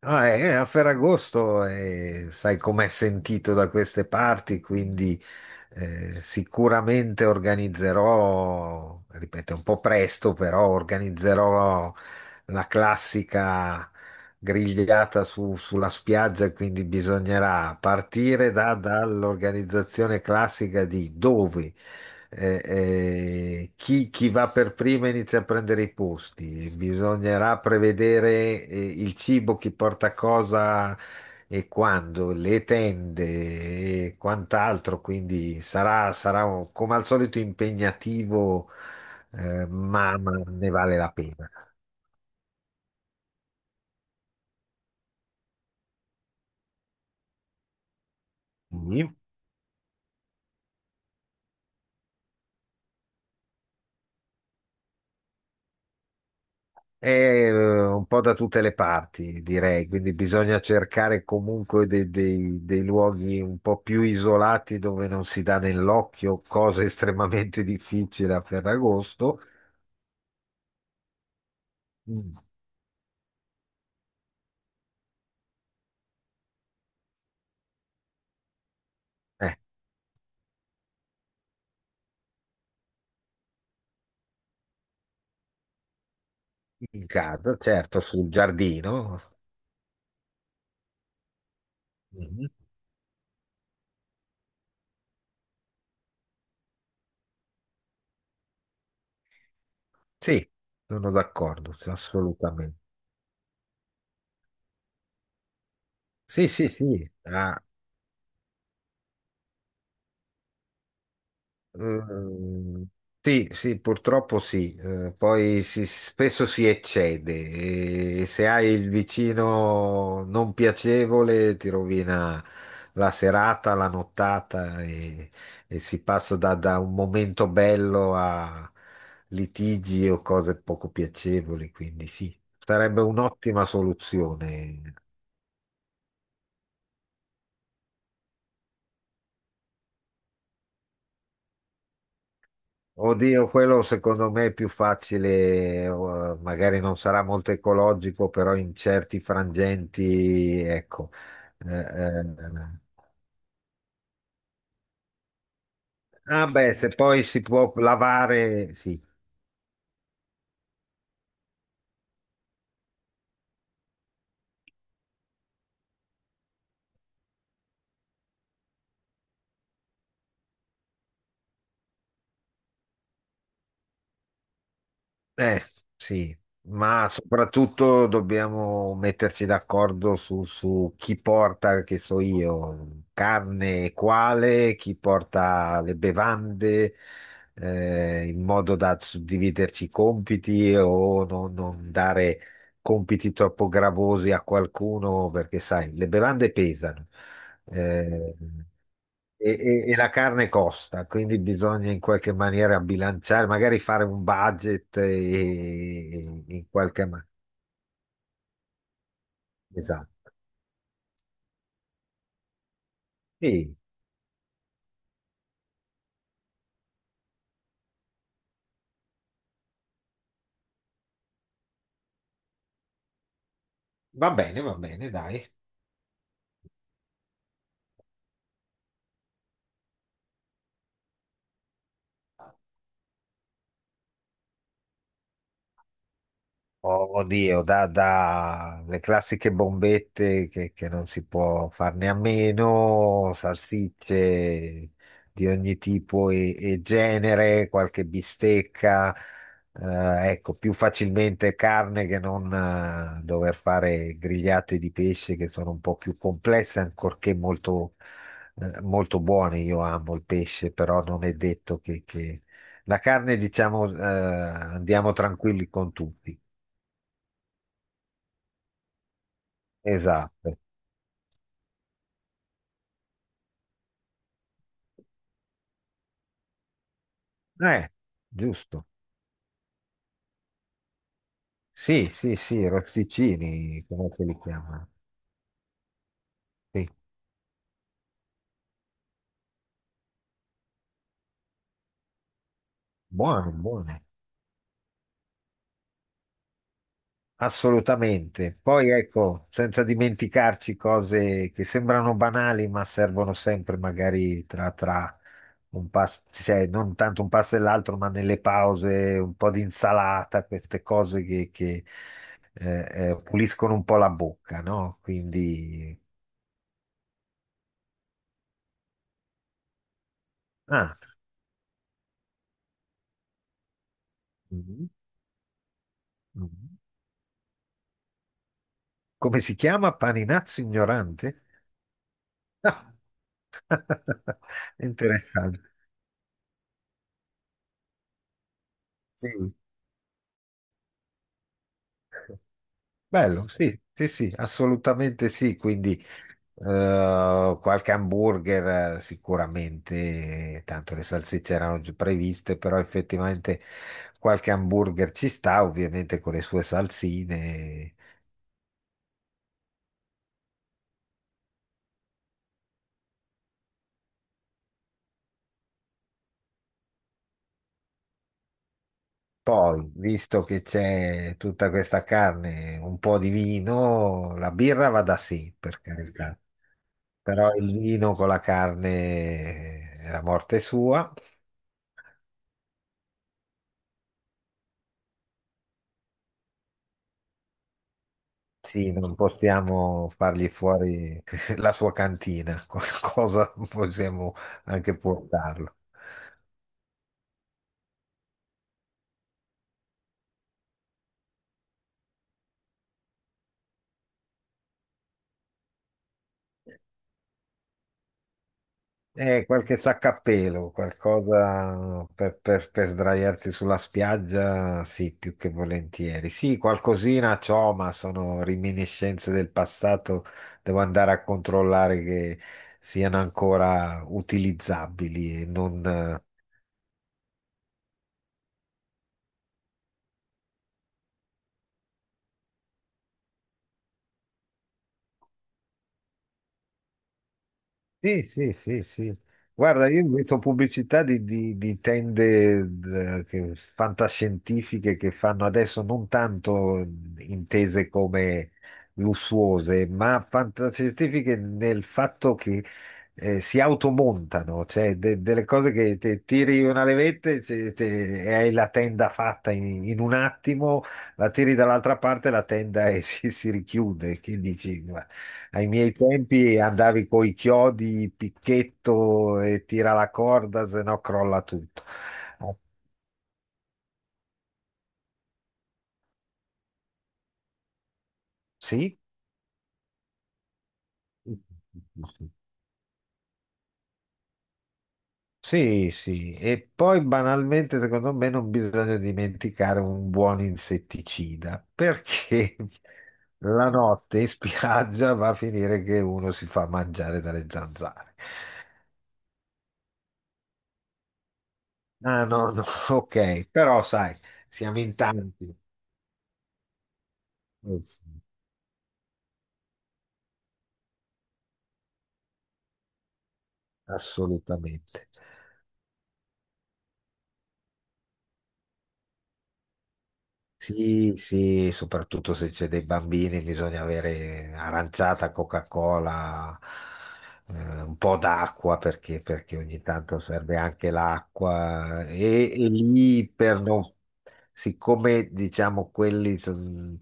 No, è a Ferragosto e sai com'è sentito da queste parti, quindi sicuramente organizzerò, ripeto, è un po' presto, però organizzerò la classica grigliata sulla spiaggia, quindi bisognerà partire dall'organizzazione classica di dove chi va per prima inizia a prendere i posti. Bisognerà prevedere il cibo, chi porta cosa e quando, le tende e quant'altro. Quindi sarà come al solito impegnativo, ma ne vale la pena. Sì. È un po' da tutte le parti, direi, quindi bisogna cercare comunque dei luoghi un po' più isolati dove non si dà nell'occhio, cosa estremamente difficile a Ferragosto. Mm. Eh, in casa, certo, sul giardino. Mhm. Sì, sono d'accordo, sì, assolutamente. Sì, sì, sì, ha, mm, sì, sì, purtroppo sì. Poi spesso si eccede e se hai il vicino non piacevole ti rovina la serata, la nottata e si passa da un momento bello a litigi o cose poco piacevoli, quindi sì, sarebbe un'ottima soluzione. Oddio, quello secondo me è più facile, magari non sarà molto ecologico, però in certi frangenti, ecco. Eh, eh, eh. Ah beh, se poi si può lavare, sì. Eh, sì, ma soprattutto dobbiamo metterci d'accordo su chi porta, che so io, carne e quale, chi porta le bevande, in modo da suddividerci i compiti o non dare compiti troppo gravosi a qualcuno, perché sai, le bevande pesano. Mm. E la carne costa, quindi bisogna in qualche maniera bilanciare, magari fare un budget in qualche maniera. Esatto. Sì, va bene, dai. Oddio, da le classiche bombette che non si può farne a meno, salsicce di ogni tipo e genere, qualche bistecca, ecco, più facilmente carne che non dover fare grigliate di pesce che sono un po' più complesse, ancorché molto, molto buone. Io amo il pesce, però non è detto che... La carne, diciamo, andiamo tranquilli con tutti. Esatto. Eh, giusto. Sì, sì, sì, rosticini, come se li chiamano. Sì. Buone, buone. Assolutamente. Poi ecco, senza dimenticarci cose che sembrano banali, ma servono sempre magari tra un pasto, cioè non tanto un pasto e l'altro, ma nelle pause, un po' di insalata, queste cose che, puliscono un po' la bocca, no? Quindi... Ah. Mhm. Mhm. Come si chiama? Paninazzo ignorante? Interessante. Sì. Bello, sì, sì, sì, assolutamente sì. Quindi qualche hamburger sicuramente, tanto le salsicce erano già previste, però effettivamente qualche hamburger ci sta, ovviamente con le sue salsine. Poi, visto che c'è tutta questa carne, un po' di vino, la birra va da sì, per carità. Però il vino con la carne è la morte sua. Sì, non possiamo fargli fuori la sua cantina, cosa possiamo anche portarlo. Qualche sacca a pelo, qualcosa per, per sdraiarsi sulla spiaggia, sì, più che volentieri. Sì, qualcosina c'ho, ma sono reminiscenze del passato, devo andare a controllare che siano ancora utilizzabili e non, sì, sì, sì, sì. Guarda, io metto pubblicità di, di tende fantascientifiche che fanno adesso, non tanto intese come lussuose, ma fantascientifiche nel fatto che si automontano, cioè delle cose che te tiri una levetta e e hai la tenda fatta in, in un attimo, la tiri dall'altra parte, la tenda e si richiude. Che dici? Ai miei tempi andavi coi chiodi, picchetto e tira la corda, se no crolla tutto. Ah, sì? Sì, sì. E poi banalmente, secondo me, non bisogna dimenticare un buon insetticida, perché la notte in spiaggia va a finire che uno si fa mangiare dalle zanzare. Ah, no, no, ok, però sai, siamo in tanti. Eh sì, assolutamente. Sì, sì, soprattutto se c'è dei bambini bisogna avere aranciata, Coca-Cola, un po' d'acqua perché, perché ogni tanto serve anche l'acqua e lì per non, siccome diciamo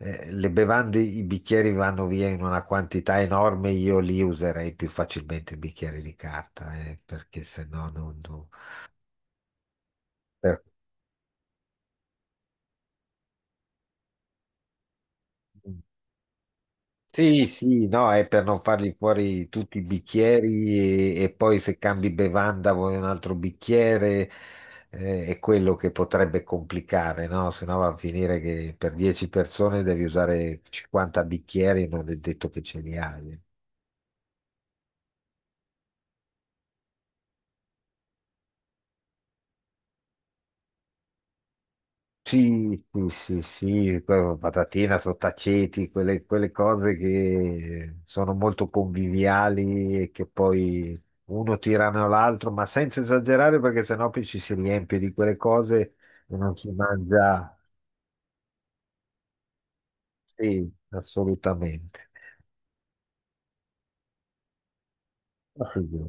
le bevande, i bicchieri vanno via in una quantità enorme, io li userei più facilmente i bicchieri di carta, perché se no non... per- Sì, sì, no, è per non fargli fuori tutti i bicchieri e poi se cambi bevanda vuoi un altro bicchiere, è quello che potrebbe complicare, no? Se no va a finire che per 10 persone devi usare 50 bicchieri, non è detto che ce li hai, eh. Sì, sì, sì, sì, poi patatina, sottaceti, quelle cose che sono molto conviviali e che poi uno tirano l'altro, ma senza esagerare perché sennò poi ci si riempie di quelle cose e non si mangia. Sì, assolutamente. Sì,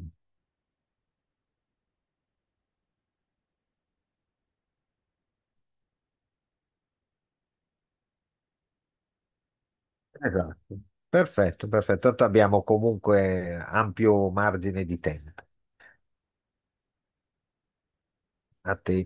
esatto. Perfetto, perfetto. Tanto abbiamo comunque ampio margine di tempo. A te.